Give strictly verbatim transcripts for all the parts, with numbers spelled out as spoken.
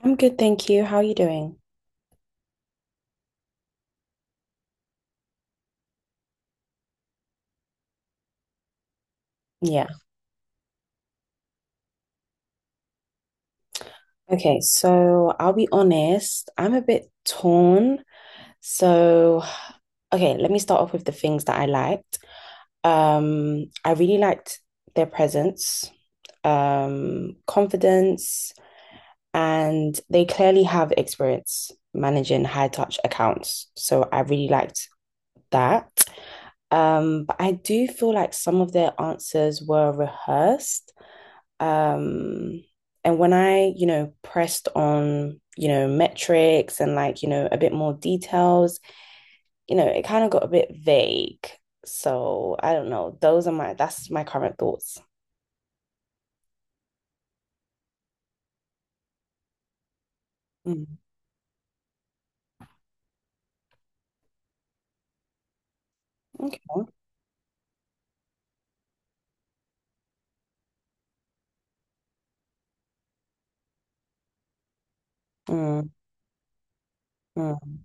I'm good, thank you. How are you doing? Yeah. Okay, so I'll be honest, I'm a bit torn. So, okay, let me start off with the things that I liked. Um, I really liked their presence, um, confidence, and they clearly have experience managing high touch accounts. So I really liked that. Um, but I do feel like some of their answers were rehearsed. Um, and when I, you know, pressed on, you know, metrics and like, you know, a bit more details, you know, it kind of got a bit vague. So I don't know. Those are my, that's my current thoughts. Mm, okay. Mm, mm,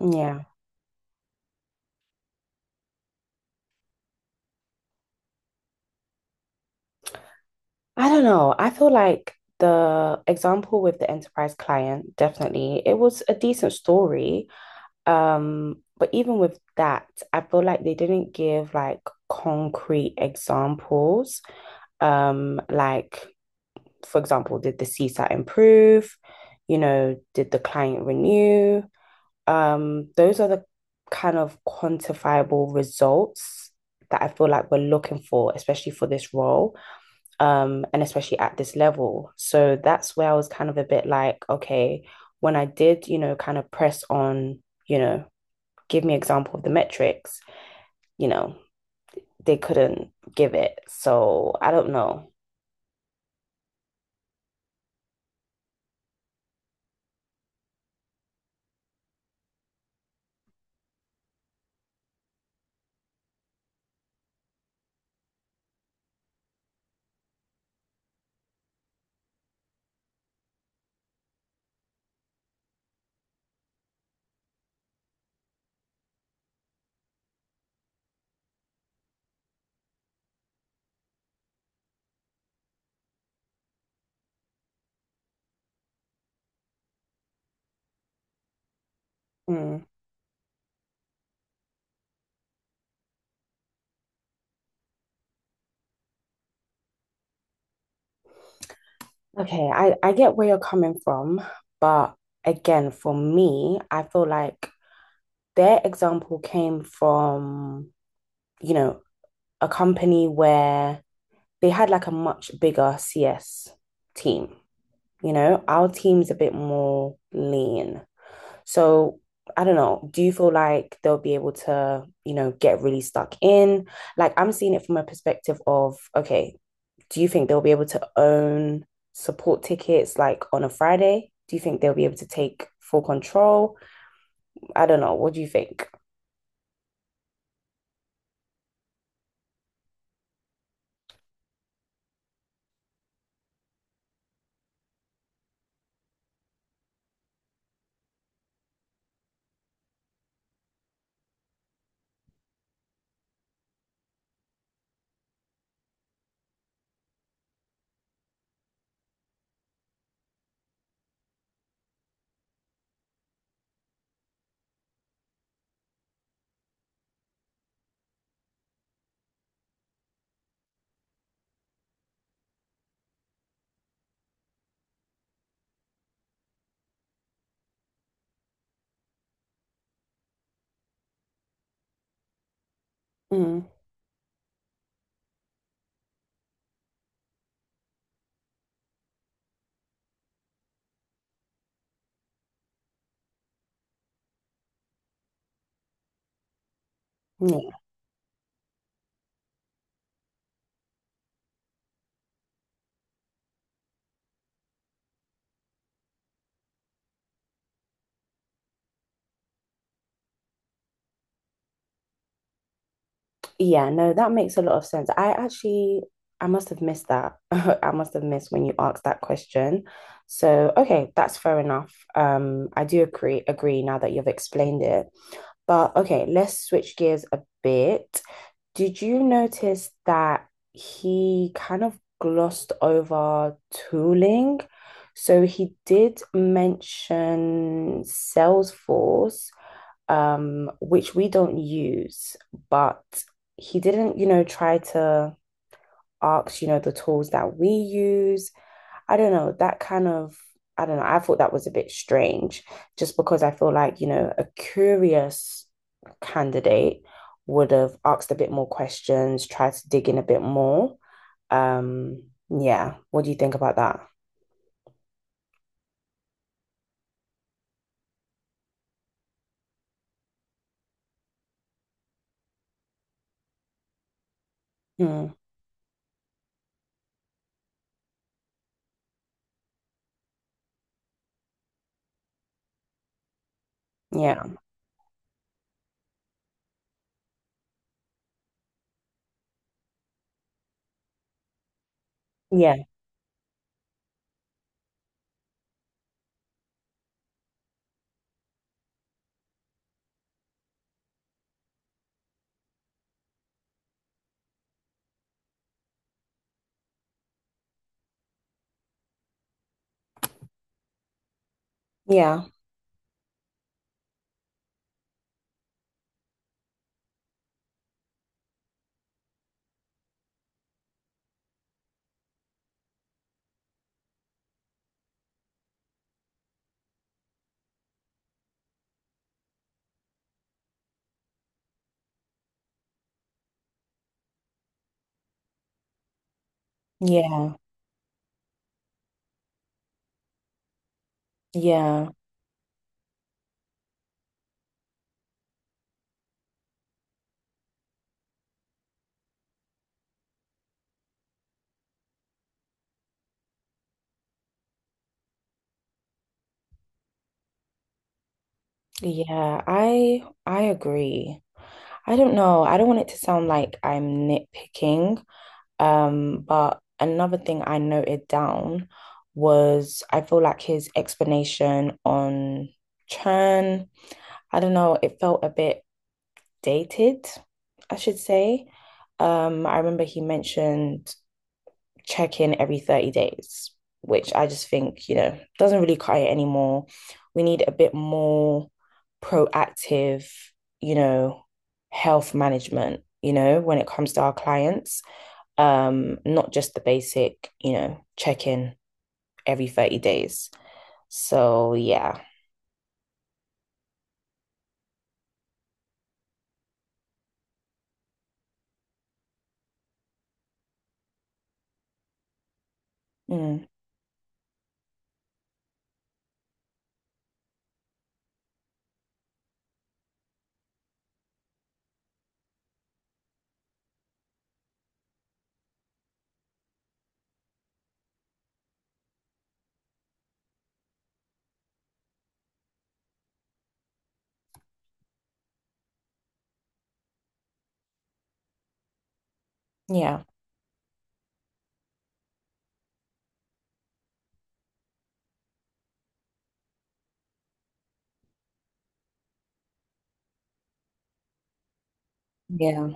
yeah. I don't know. I feel like the example with the enterprise client, definitely, it was a decent story. Um, but even with that, I feel like they didn't give like concrete examples. Um, like, for example, did the CSAT improve? You know, did the client renew? Um, those are the kind of quantifiable results that I feel like we're looking for, especially for this role, um, and especially at this level. So that's where I was kind of a bit like, okay, when I did, you know, kind of press on, you know, give me an example of the metrics, you know, they couldn't give it. So I don't know. Mm. Okay, I, I get where you're coming from, but again, for me, I feel like their example came from, you know, a company where they had like a much bigger C S team. You know, our team's a bit more lean. So I don't know, do you feel like they'll be able to, you know, get really stuck in? Like I'm seeing it from a perspective of, okay, do you think they'll be able to own support tickets like on a Friday? Do you think they'll be able to take full control? I don't know. What do you think? Mm. Mm. Yeah, no, that makes a lot of sense. I actually, I must have missed that. I must have missed when you asked that question. So, okay, that's fair enough. Um, I do agree, agree now that you've explained it. But okay, let's switch gears a bit. Did you notice that he kind of glossed over tooling? So he did mention Salesforce, um, which we don't use, but he didn't, you know, try to ask, you know, the tools that we use. I don't know. that kind of, I don't know, I thought that was a bit strange just because I feel like, you know, a curious candidate would have asked a bit more questions, tried to dig in a bit more. Um, yeah, what do you think about that? Mm, yeah, yeah, yeah, yeah, yeah, yeah. I I agree. I don't know. I don't want it to sound like I'm nitpicking, Um, but another thing I noted down was I feel like his explanation on churn, I don't know, it felt a bit dated, I should say. Um, I remember he mentioned check in every thirty days, which I just think, you know, doesn't really cut it anymore. We need a bit more proactive, you know, health management, you know, when it comes to our clients um, not just the basic, you know, check in every thirty days. So yeah. Mm, yeah. Yeah.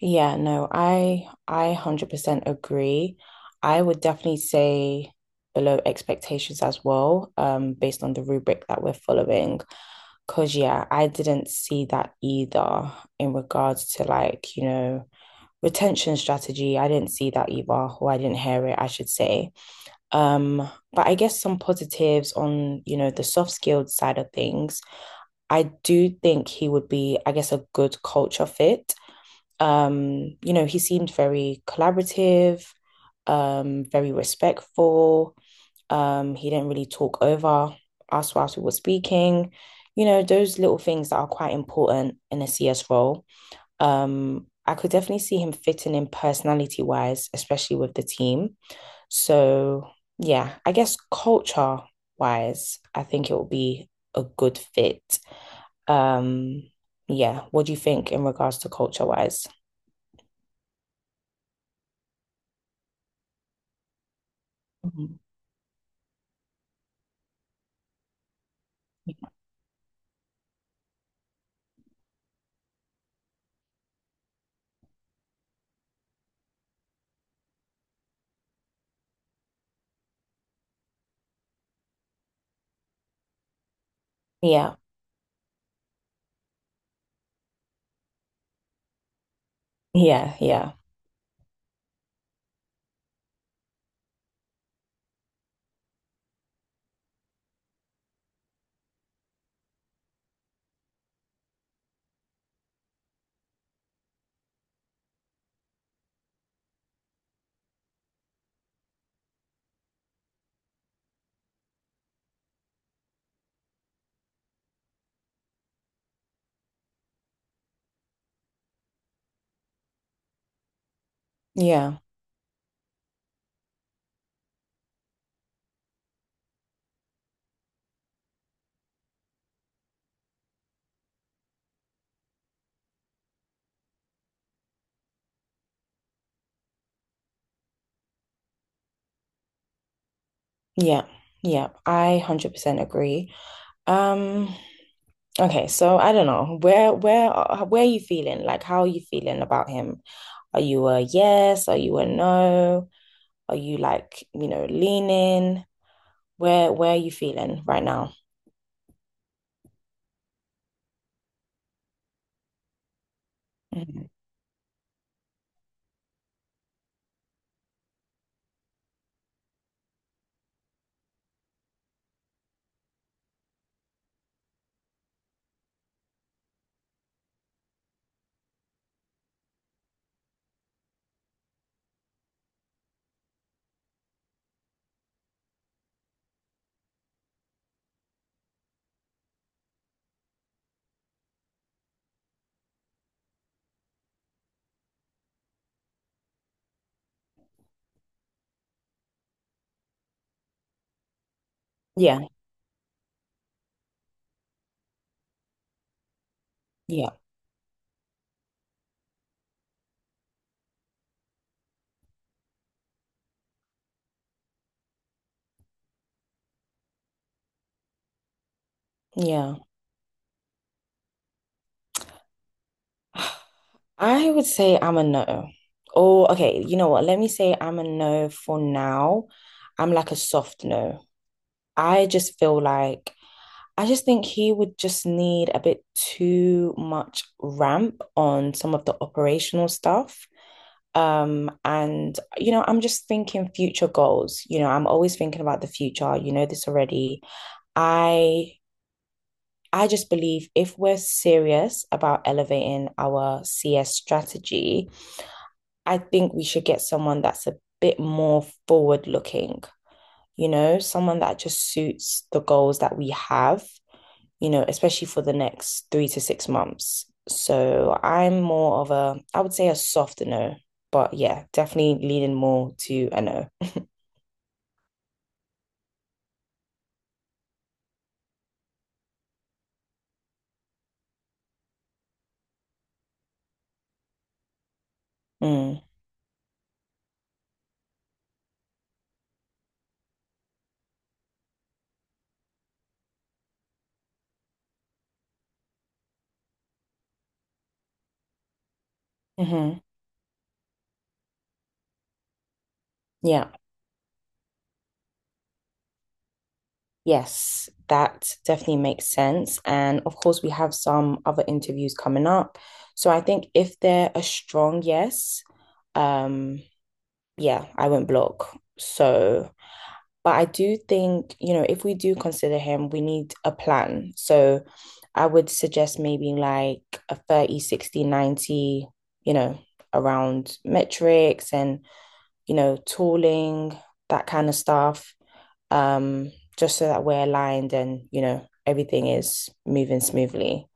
Yeah, no, I I one hundred percent agree. I would definitely say below expectations as well, um, based on the rubric that we're following. Because, yeah, I didn't see that either in regards to like, you know, retention strategy. I didn't see that either, or I didn't hear it, I should say. Um, but I guess some positives on, you know, the soft skilled side of things. I do think he would be, I guess, a good culture fit. Um, you know, he seemed very collaborative, um, very respectful. Um, he didn't really talk over us whilst we were speaking. You know, those little things that are quite important in a C S role. Um, I could definitely see him fitting in personality wise, especially with the team. So, yeah, I guess culture wise, I think it will be a good fit. Um, yeah, what do you think in regards to culture wise? Mhm. Yeah, yeah, yeah, yeah, yeah, yeah. I one hundred percent agree. Um, Okay, so I don't know. Where where are- where are you feeling? Like how are you feeling about him? Are you a yes? Are you a no? Are you like, you know, leaning? Where where are you feeling right now? Mhm. Yeah, yeah, yeah. I would say I'm a no. Oh, okay, you know what? Let me say I'm a no for now. I'm like a soft no. I just feel like I just think he would just need a bit too much ramp on some of the operational stuff. Um, and, you know, I'm just thinking future goals. You know, I'm always thinking about the future. You know this already. I I just believe if we're serious about elevating our C S strategy, I think we should get someone that's a bit more forward looking, you know, someone that just suits the goals that we have you know, especially for the next three to six months. So I'm more of a, I would say a soft no, but yeah, definitely leaning more to a no. Mm. Hmm. Yeah. Yes, that definitely makes sense. And of course, we have some other interviews coming up. So I think if they're a strong yes, um, yeah, I won't block. So But I do think, you know, if we do consider him, we need a plan. So I would suggest maybe like a thirty, sixty, ninety, you know, around metrics and, you know, tooling, that kind of stuff. Um, just so that we're aligned and, you know, everything is moving smoothly.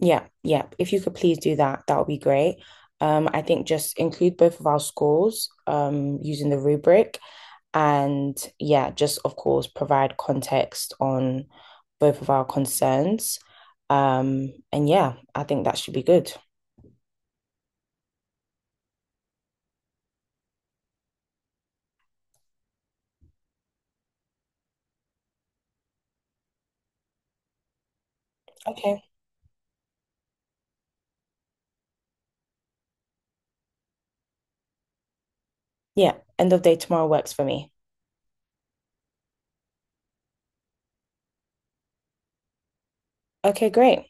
Yeah, yeah. If you could please do that, that would be great. Um, I think just include both of our scores um, using the rubric and yeah, just of course provide context on both of our concerns. Um, and yeah, I think that should be good. Okay. Yeah, end of day tomorrow works for me. Okay, great.